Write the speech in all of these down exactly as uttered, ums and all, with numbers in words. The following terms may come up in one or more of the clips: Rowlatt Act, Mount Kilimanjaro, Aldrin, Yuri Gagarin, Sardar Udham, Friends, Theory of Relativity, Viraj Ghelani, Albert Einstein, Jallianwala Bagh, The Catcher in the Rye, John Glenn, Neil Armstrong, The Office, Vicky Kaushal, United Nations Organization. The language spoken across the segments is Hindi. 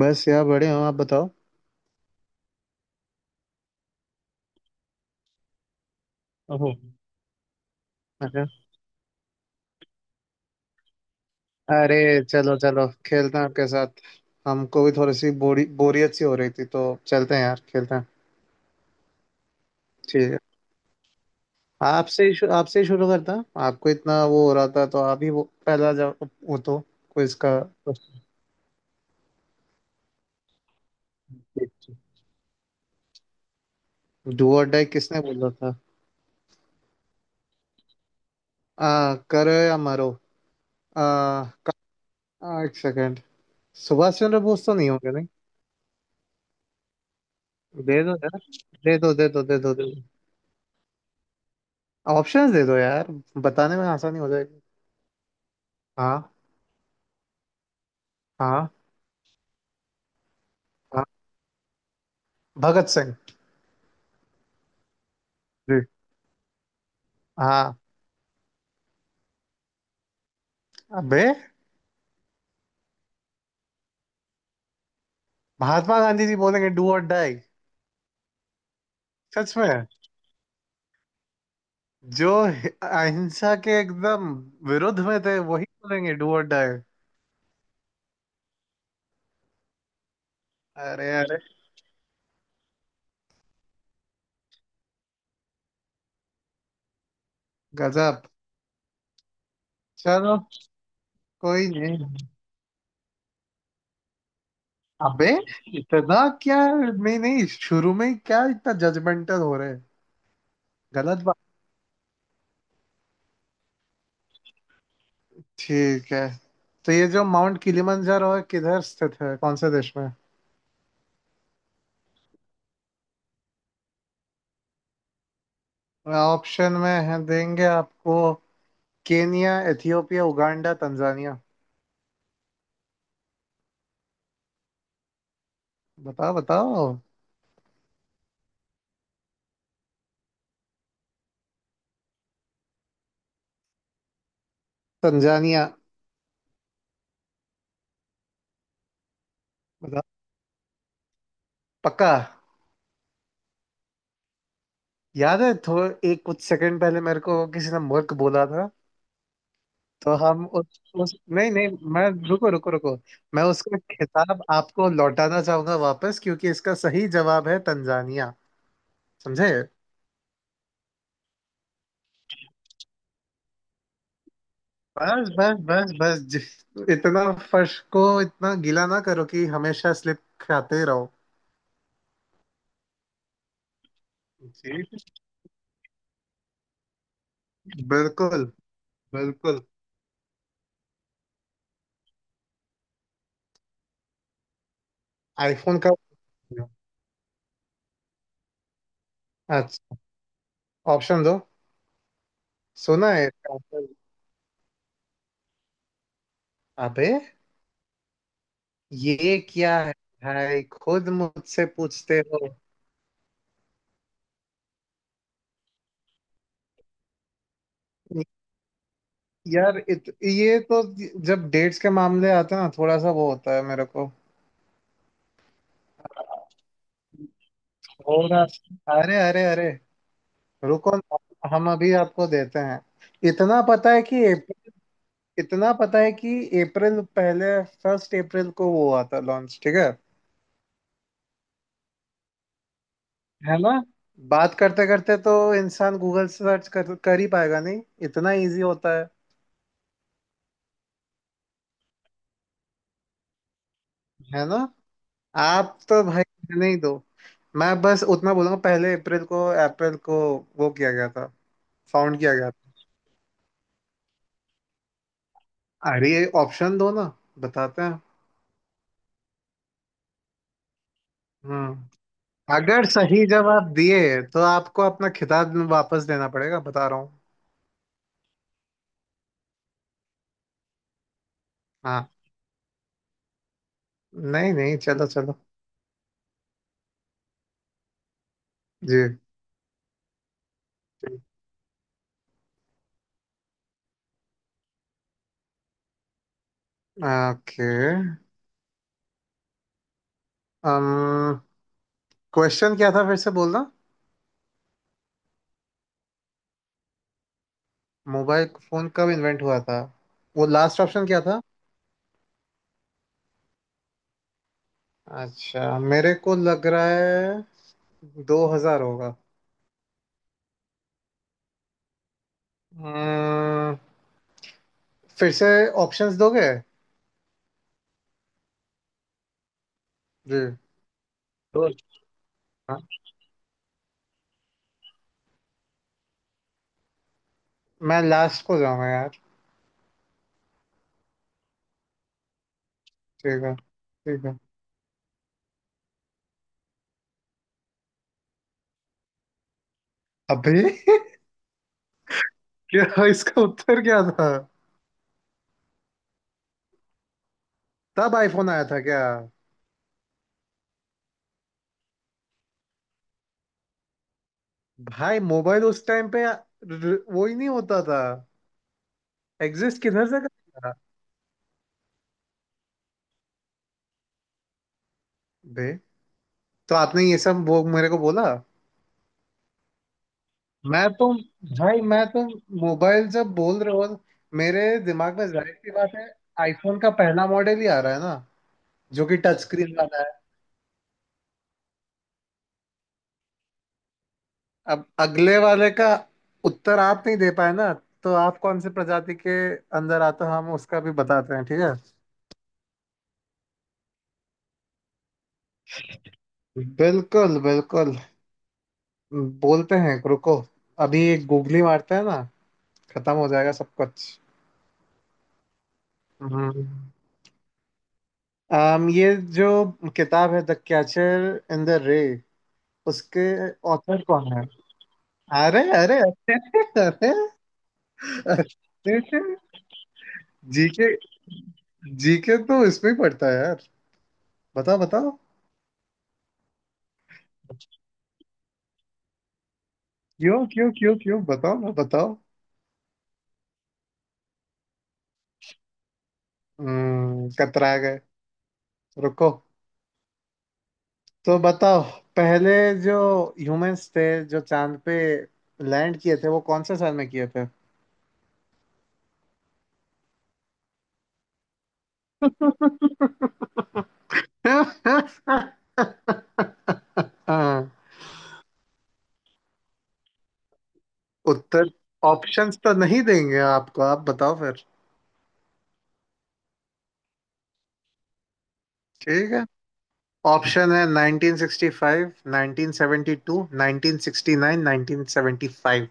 बस यार बड़े हो। आप बताओ। ओहो। अच्छा। अरे, चलो चलो खेलते हैं आपके साथ। हमको भी थोड़ी सी बोरी बोरियत सी हो रही थी, तो चलते हैं यार, खेलते हैं। ठीक है। आपसे ही शु- आपसे ही शुरू करता हूँ। आपको इतना वो हो रहा था, तो आप ही वो पहला जवाब वो तो। क्विज का। डू और डाई किसने बोला था। आ, करो या मरो। आ, क- आ, एक सेकेंड। सुभाष चंद्र बोस तो नहीं होंगे नहीं। दे दो यार। दे दो, दे दो, दे दो, दे दो। ऑप्शंस दे दो यार, बताने में आसानी हो। हाँ। हाँ। हाँ, भगत सिंह। जी। हाँ। अबे। महात्मा गांधी जी बोलेंगे डू और डाई? सच में। जो हि- अहिंसा के एकदम विरुद्ध में थे, वही बोलेंगे डू और डाई। अरे अरे। गजब। चलो। कोई नहीं। अबे। इतना। क्या नहीं नहीं, शुरू में ही क्या इतना जजमेंटल हो रहे हैं। गलत बात। ठीक है। तो ये जो माउंट किलिमंजारो है, किधर स्थित है, कौन से देश में? ऑप्शन में है, देंगे आपको। Kenya, Ethiopia, Uganda, Tanzania. बताओ बताओ। तंजानिया। बताओ। पक्का? याद है थोड़ा, एक कुछ सेकंड पहले मेरे को किसी ने मुल्क बोला था। तो हम उस, उस नहीं नहीं। मैं। रुको रुको रुको। मैं उसका खिताब आपको लौटाना चाहूंगा वापस, क्योंकि इसका सही जवाब है तंजानिया। समझे। बस बस बस बस जि- इतना। फर्श को इतना गीला ना करो कि हमेशा स्लिप खाते रहो। जी। बिल्कुल बिल्कुल। आईफोन का। अच्छा। ऑप्शन दो। सुना है इसका आंसर? अबे। ये क्या है। भाई खुद मुझसे पूछते हो। यार इत, ये तो, जब डेट्स के मामले आते हैं ना, थोड़ा सा वो होता है मेरे को। थोड़ा। अरे अरे अरे। रुको ना, हम अभी आपको देते हैं। इतना पता है कि एप- इतना पता है कि अप्रैल पहले, फर्स्ट अप्रैल को वो हुआ था लॉन्च। ठीक है। है ना। बात करते करते तो इंसान गूगल सर्च कर, कर ही पाएगा नहीं। इतना इजी होता है। है ना। आप तो भाई रहने ही दो। मैं बस उतना बोलूंगा, पहले अप्रैल को, अप्रैल को वो किया गया था। फाउंड किया गया था। अरे ये ऑप्शन दो ना। बताते हैं। हम्म। अगर सही जवाब दिए तो आपको अपना खिताब वापस देना पड़ेगा, बता रहा हूँ। हाँ। नहीं नहीं, चलो चलो। जी। ओके। अम क्वेश्चन क्या था, फिर से बोलना। मोबाइल फोन कब इन्वेंट हुआ था? वो लास्ट ऑप्शन क्या था? अच्छा, मेरे को लग रहा है दो हज़ार होगा। अम्म, फिर से ऑप्शंस दोगे। जी। तो। हाँ। मैं लास्ट को जाऊंगा यार। ठीक है ठीक है। अभी। क्या, इसका उत्तर क्या था? तब आईफोन आया था क्या? भाई मोबाइल उस टाइम पे र- वो ही नहीं होता था। एग्जिस्ट किधर से करता था। बे। तो आपने ये सब वो मेरे को बोला। मैं तो। भाई मैं तो। मोबाइल जब बोल रहे हो, मेरे दिमाग में जाहिर सी बात है आईफोन का पहला मॉडल ही आ रहा है ना, जो कि टच स्क्रीन वाला है। अब अगले वाले का उत्तर आप नहीं दे पाए ना, तो आप कौन से प्रजाति के अंदर आते हो हम उसका भी बताते हैं, ठीक है। बिल्कुल बिल्कुल। बोलते हैं, रुको। अभी एक गूगली मारते हैं ना, खत्म हो जाएगा सब कुछ। हम्म। अम, ये जो किताब है, the catcher in the rye, उसके ऑथर कौन है? अरे अरे अरे। अरे। अरे। जीके। जीके तो इसमें ही पड़ता है यार। बताओ बताओ। क्यों क्यों क्यों क्यों, बताओ ना बताओ। हम्म, कतरा गए। रुको। तो बताओ, पहले जो ह्यूमंस थे जो चांद पे लैंड किए थे, वो कौन से साल में किए थे। हाँ। उत्तर। ऑप्शंस तो नहीं देंगे आपको, आप बताओ फिर। ठीक है। ऑप्शन है nineteen sixty five, nineteen seventy two, उन्नीस सौ उनहत्तर, नाइनटीन सेवेंटी फाइव।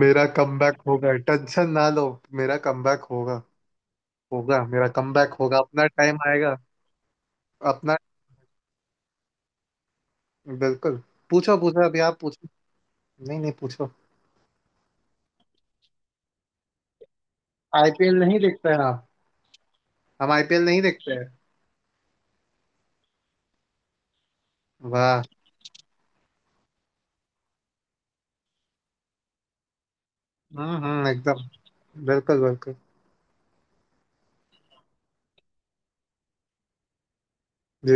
मेरा कमबैक होगा, टेंशन ना लो। मेरा कमबैक होगा। होगा, मेरा कमबैक होगा, अपना टाइम आएगा। अपना। बिल्कुल। पूछो पूछो, अभी आप पूछो। नहीं नहीं, पूछो। आईपीएल नहीं देखते हैं आप। हम आईपीएल नहीं देखते हैं। वाह। हम्म हम्म, एकदम बिल्कुल बिल्कुल। जी।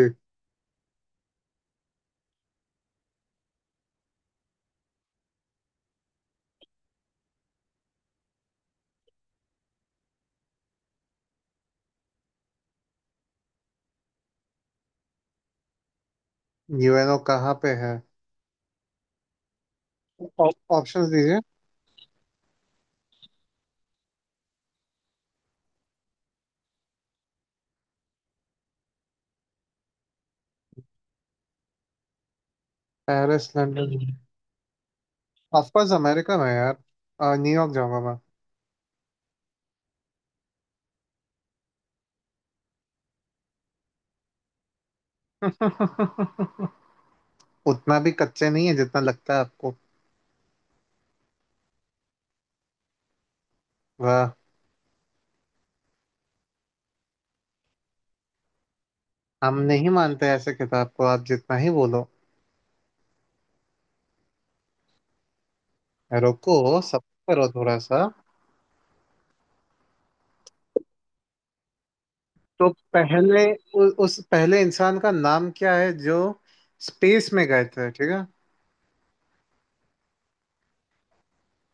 यूएनओ कहाँ पे है? ऑप्शंस दीजिए। Paris, London. Of course America में है यार। अ, न्यूयॉर्क जाऊंगा मैं। उतना भी कच्चे नहीं है जितना लगता है आपको। वाह। हम नहीं मानते ऐसे किताब को, आप जितना ही बोलो। रुको सब, करो थोड़ा सा। तो पहले उ, उस पहले इंसान का नाम क्या है जो स्पेस में गए थे, ठीक है।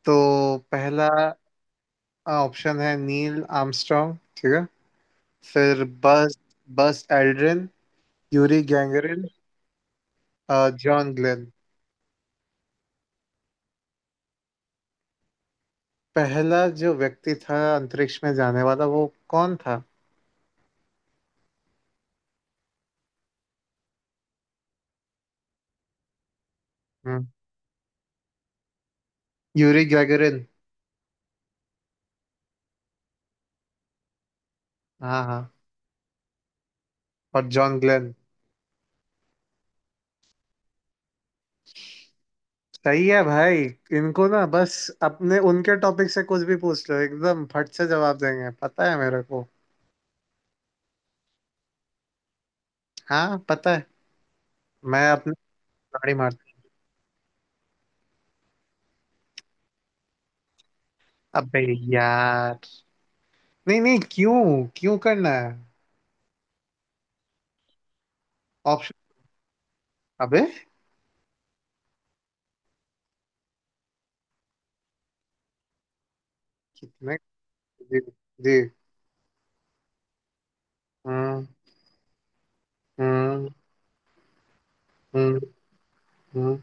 तो पहला ऑप्शन है नील आर्मस्ट्रांग, ठीक है। फिर बस, बस एल्ड्रिन, यूरी गैंगरिन, अ, जॉन ग्लेन। पहला जो व्यक्ति था अंतरिक्ष में जाने वाला वो कौन था। हम्म। Yuri Gagarin. हाँ हाँ। और जॉन ग्लेन। सही है भाई। इनको ना बस अपने उनके टॉपिक से कुछ भी पूछ लो, एकदम फट से जवाब देंगे, पता है मेरे को। हाँ पता है। मैं अपने गाड़ी मारता। अबे यार, नहीं नहीं, क्यों, क्यों करना है। ऑप्शन। अबे। कितने। जी। जी। हम्म। हम्म। हम्म। हम्म।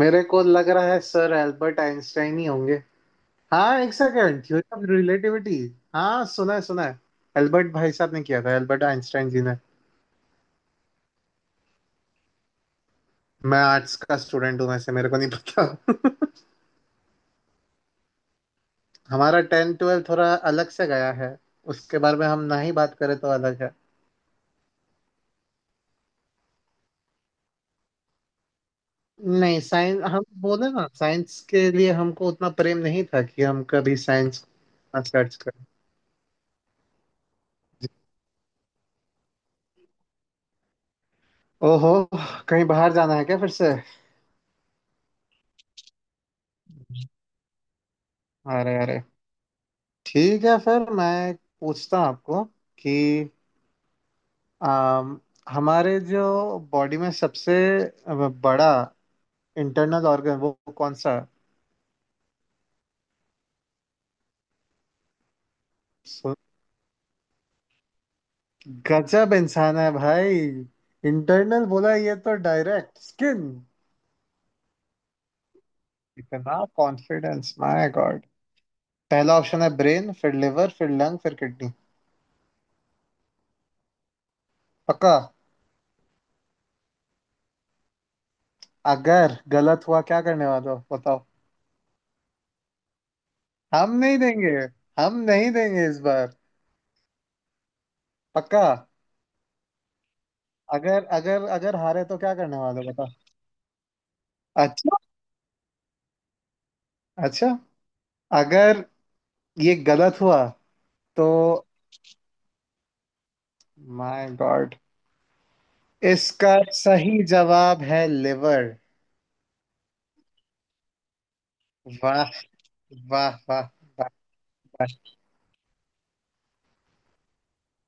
मेरे को लग रहा है सर एल्बर्ट आइंस्टाइन ही होंगे। हाँ एक सेकेंड, थ्योरी ऑफ रिलेटिविटी। हाँ सुना है सुना है। एल्बर्ट भाई साहब ने किया था, एल्बर्ट आइंस्टाइन जी ने। मैं आर्ट्स का स्टूडेंट हूँ वैसे, मेरे को नहीं पता। हमारा टेन ट्वेल्व थोड़ा अलग से गया है, उसके बारे में हम ना ही बात करें तो अलग है। नहीं साइंस, हम बोले ना साइंस के लिए हमको उतना प्रेम नहीं था कि हम कभी साइंस सर्च करें। ओहो, कहीं बाहर जाना है क्या फिर से? अरे अरे। ठीक है, फिर मैं पूछता हूँ आपको कि आम, हमारे जो बॉडी में सबसे बड़ा इंटरनल ऑर्गन वो कौन सा है? गजब इंसान है भाई। इंटरनल बोला, ये तो डायरेक्ट स्किन। इतना कॉन्फिडेंस, माय गॉड। पहला ऑप्शन है ब्रेन, फिर लिवर, फिर लंग, फिर किडनी। पक्का? अगर गलत हुआ क्या करने वाले हो बताओ। हम नहीं देंगे। हम नहीं देंगे इस बार। पक्का? अगर अगर अगर हारे तो क्या करने वाले हो बताओ। अच्छा। अच्छा। अगर ये गलत हुआ तो। My God. इसका सही जवाब है लिवर। वाह। वाह वाह वाह।